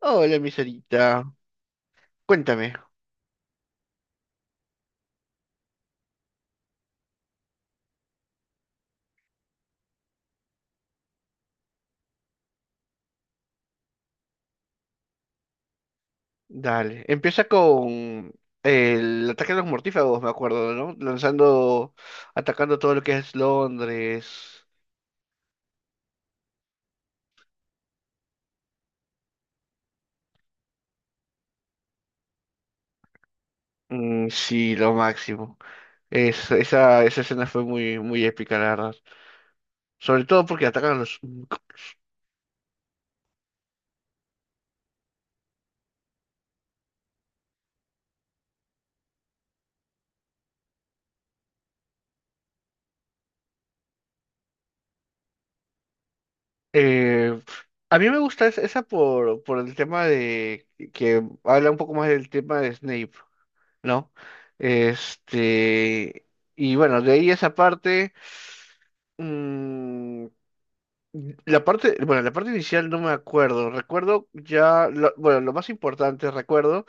Hola, mi Sarita. Cuéntame. Dale. Empieza con el ataque a los mortífagos, me acuerdo, ¿no? Lanzando, atacando todo lo que es Londres. Mm, sí, lo máximo. Esa escena fue muy, muy épica, la verdad. Sobre todo porque atacan a los... Eh, a mí me gusta esa por el tema de... que habla un poco más del tema de Snape, ¿no? Este... Y bueno, de ahí esa parte... Mm, la parte, bueno, la parte inicial no me acuerdo. Recuerdo ya, lo más importante recuerdo,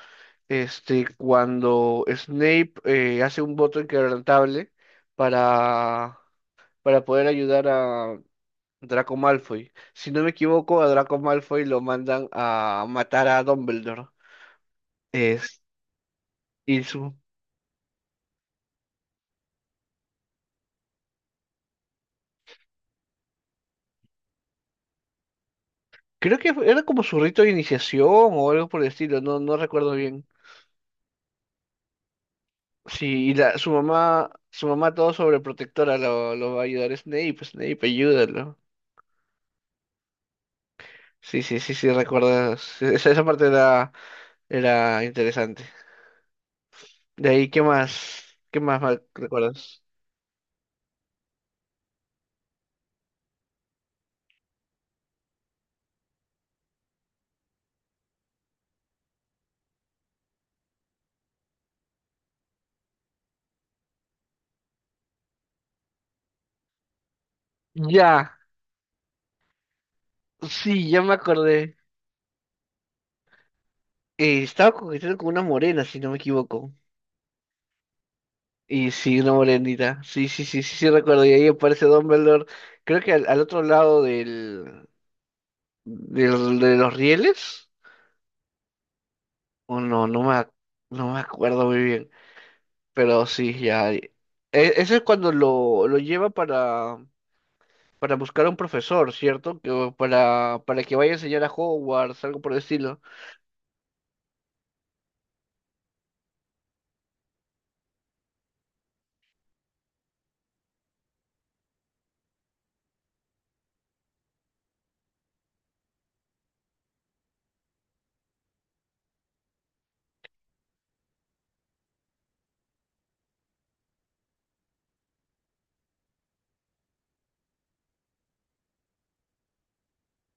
este, cuando Snape hace un voto inquebrantable para, para poder ayudar a Draco Malfoy. Si no me equivoco, a Draco Malfoy lo mandan a matar a Dumbledore. Es, y su, era como su rito de iniciación o algo por el estilo, no, no recuerdo bien. Sí, y la, su mamá todo sobreprotectora lo va a ayudar. Snape, pues Snape, ayúdalo. Sí, sí, sí, sí, recuerdas. Esa parte era, era interesante. De ahí, ¿qué más? ¿Qué más mal recuerdas? Ya, sí, ya me acordé. Estaba coqueteando con una morena, si no me equivoco. Y sí, una morenita. Sí, sí, sí, sí, sí, recuerdo. Y ahí aparece Dumbledore. Creo que al, al otro lado del, del, de los rieles. O no, no me acuerdo muy bien. Pero sí, ya. Ese es cuando lo lleva para buscar a un profesor, ¿cierto? Que, o para que vaya a enseñar a Hogwarts, algo por el estilo.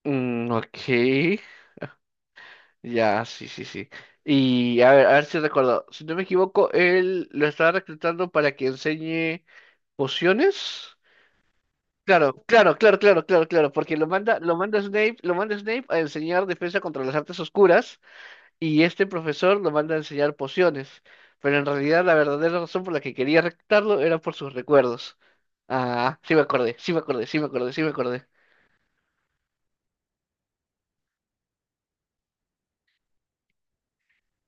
Mm, ok. Ya, sí, sí, sí. Y a ver si recuerdo. Si no me equivoco, él lo estaba reclutando para que enseñe pociones. Claro, claro, claro, claro, claro, claro, porque lo manda Snape a enseñar defensa contra las artes oscuras. Y este profesor lo manda a enseñar pociones, pero en realidad la verdadera razón por la que quería reclutarlo era por sus recuerdos. Ah, sí me acordé, sí me acordé, sí me acordé, sí me acordé.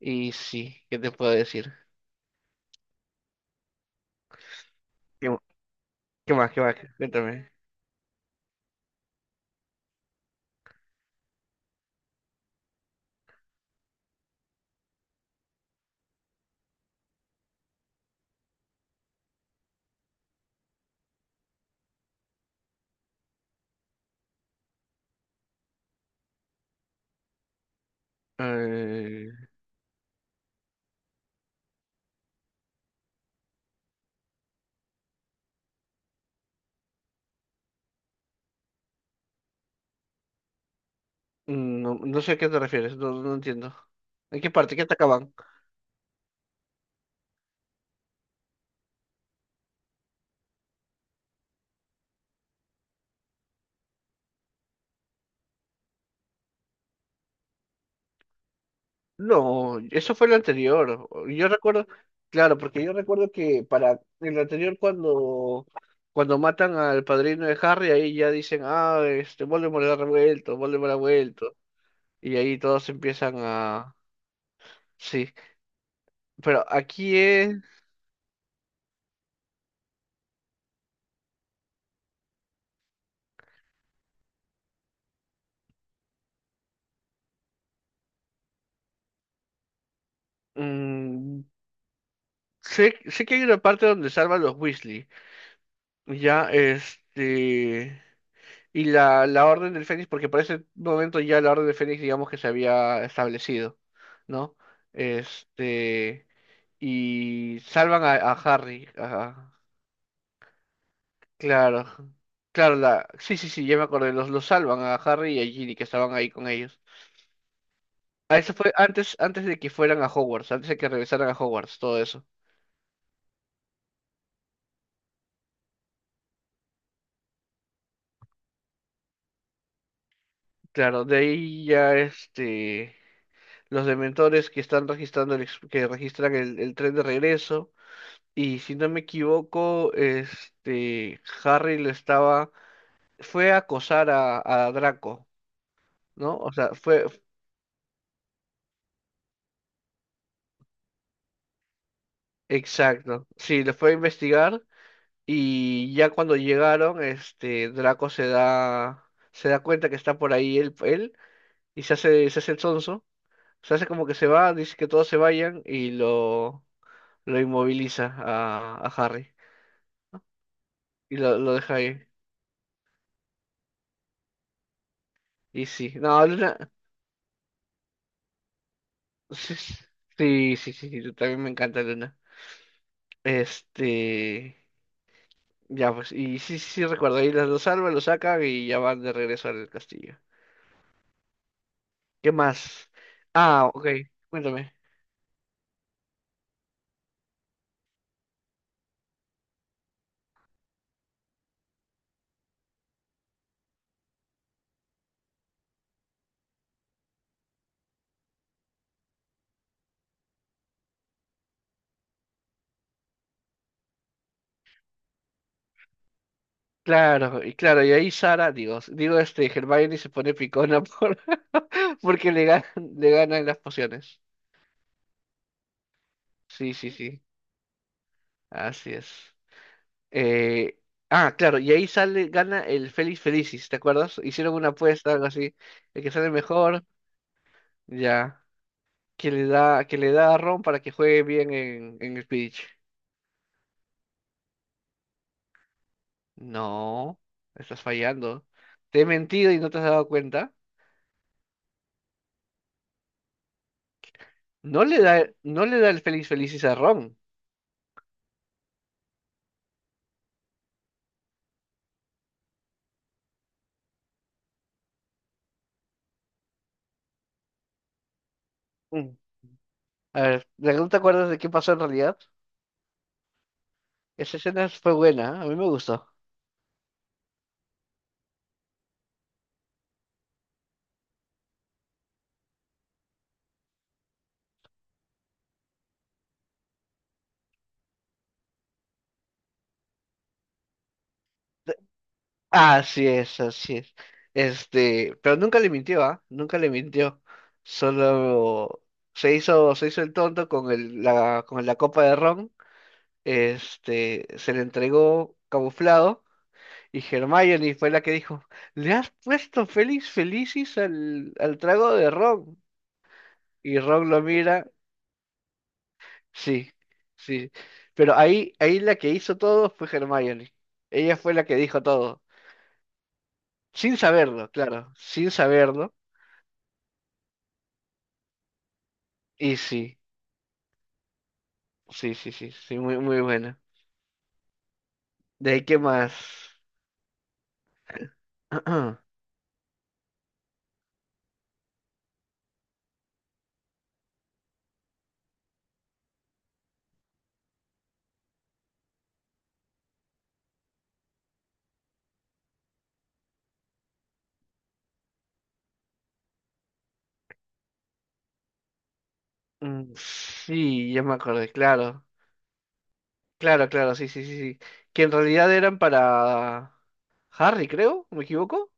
Y sí, ¿qué te puedo decir? ¿Qué, qué más, qué más? Cuéntame. Eh, no, no sé a qué te refieres, no, no entiendo. ¿En qué parte? ¿Qué atacaban? No, eso fue lo anterior. Yo recuerdo, claro, porque yo recuerdo que para el anterior cuando cuando matan al padrino de Harry, ahí ya dicen, ah, este Voldemort ha revuelto, Voldemort ha vuelto. Y ahí todos empiezan a... Sí, pero aquí es... mm, sé, sé que hay una parte donde salvan los Weasley. Ya, este... Y la, la Orden del Fénix, porque por ese momento ya la Orden del Fénix, digamos que se había establecido, ¿no? Este, y salvan a Harry, ajá, claro, claro, la, sí, sí, sí, ya me acordé, los salvan a Harry y a Ginny que estaban ahí con ellos. Ah, eso fue antes, antes de que fueran a Hogwarts, antes de que regresaran a Hogwarts, todo eso. Claro, de ahí ya este, los dementores que están registrando que registran el tren de regreso. Y si no me equivoco, este Harry lo estaba, fue a acosar a Draco, ¿no? O sea, fue, exacto, sí, le fue a investigar y ya cuando llegaron, este Draco se da cuenta que está por ahí él, él y se hace el sonso, se hace como que se va, dice que todos se vayan y lo inmoviliza a Harry y lo deja ahí. Y sí, no, Luna, sí, sí, sí, sí, sí, también me encanta Luna. Este, ya pues, y sí, sí, sí, recuerdo, ahí los salva, los sacan y ya van de regreso al castillo. ¿Qué más? Ah, ok, cuéntame. Claro, y claro, y ahí Sara, digo, digo este, Hermione se pone picona por, porque le ganan las pociones. Sí, sí, sí, así es. Eh, ah, claro, y ahí sale, gana el Feliz Felicis, ¿te acuerdas? Hicieron una apuesta, algo así, el que sale mejor, ya. Que le da, que le da a Ron para que juegue bien en el pitch. No, estás fallando. Te he mentido y no te has dado cuenta. No le da, no le da el feliz felices a Ron. Mm. A ver, ¿no te acuerdas de qué pasó en realidad? Esa escena fue buena, a mí me gustó. Así es, así es. Este, pero nunca le mintió, ¿ah? Nunca le mintió. Solo se hizo el tonto con el, la, con la copa de ron. Este, se le entregó camuflado. Y Hermione fue la que dijo, le has puesto Félix Felicis al, al trago de Ron. Y Ron lo mira, sí, sí. Pero ahí, ahí la que hizo todo fue Hermione. Ella fue la que dijo todo. Sin saberlo, claro, sin saberlo. Y sí, sí, sí, sí, sí, muy, muy buena. De ahí, ¿qué más? Mm, sí, ya me acordé, claro. Claro, claro, sí, sí, sí, sí. Que en realidad eran para Harry, creo, ¿me equivoco?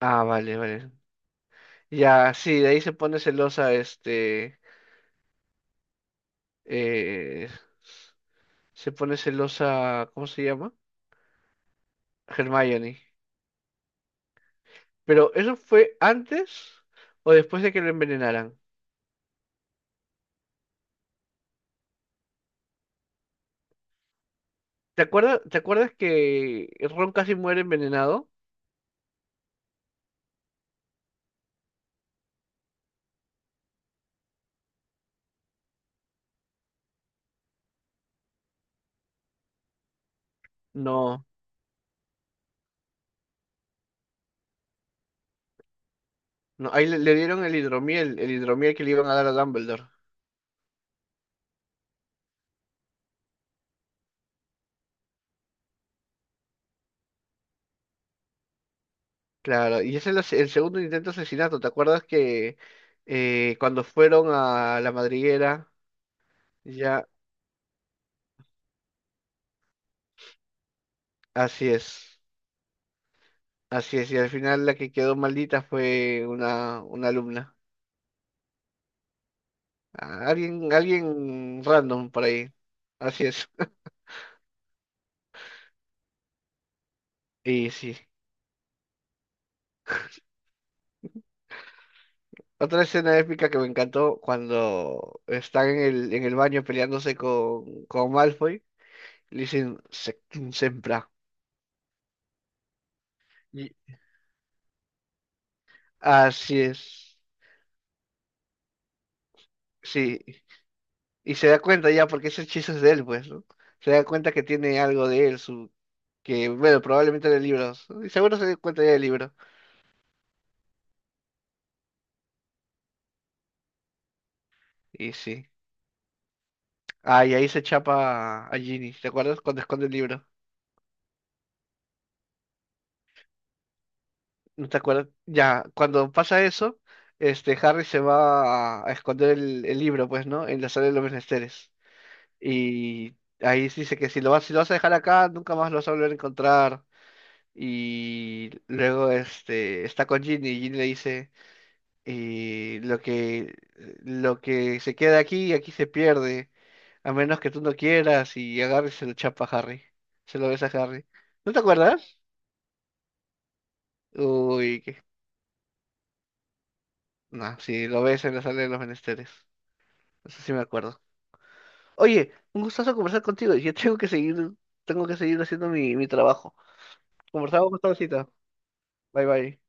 Ah, vale, vale. Ya, sí, de ahí se pone celosa, este, eh, se pone celosa, ¿cómo se llama? Hermione. Pero ¿eso fue antes o después de que lo envenenaran? Te acuerdas que Ron casi muere envenenado? No, no, ahí le, le dieron el hidromiel que le iban a dar a Dumbledore. Claro, y ese es el, el segundo intento de asesinato. ¿Te acuerdas que cuando fueron a la madriguera, ya, así es. Así es, y al final la que quedó maldita fue una alumna. Alguien, alguien random por ahí. Así es. Y sí. Otra escena épica que me encantó cuando están en el baño peleándose con Malfoy. Le dicen Sectum Sempra. Y así es. Sí. Y se da cuenta ya, porque ese hechizo es de él, pues, ¿no? Se da cuenta que tiene algo de él, su, que, bueno, probablemente de libros. ¿No? Y seguro se da cuenta ya del libro. Y sí. Ah, y ahí se chapa a Ginny, ¿te acuerdas? Cuando esconde el libro. ¿No te acuerdas? Ya, cuando pasa eso, este Harry se va a esconder el libro, pues, ¿no? En la sala de los menesteres. Y ahí dice que si lo vas, si lo vas a dejar acá, nunca más lo vas a volver a encontrar. Y luego este está con Ginny y Ginny le dice y lo que se queda aquí, aquí se pierde, a menos que tú no quieras, y agarre y se lo chapa a Harry. Se lo besa a Harry. ¿No te acuerdas? Uy, que... No, sí, lo ves en la sala de los menesteres. Eso sí me acuerdo. Oye, un gustazo conversar contigo. Yo tengo que seguir haciendo mi, mi trabajo. Conversamos con esta cita. Bye bye.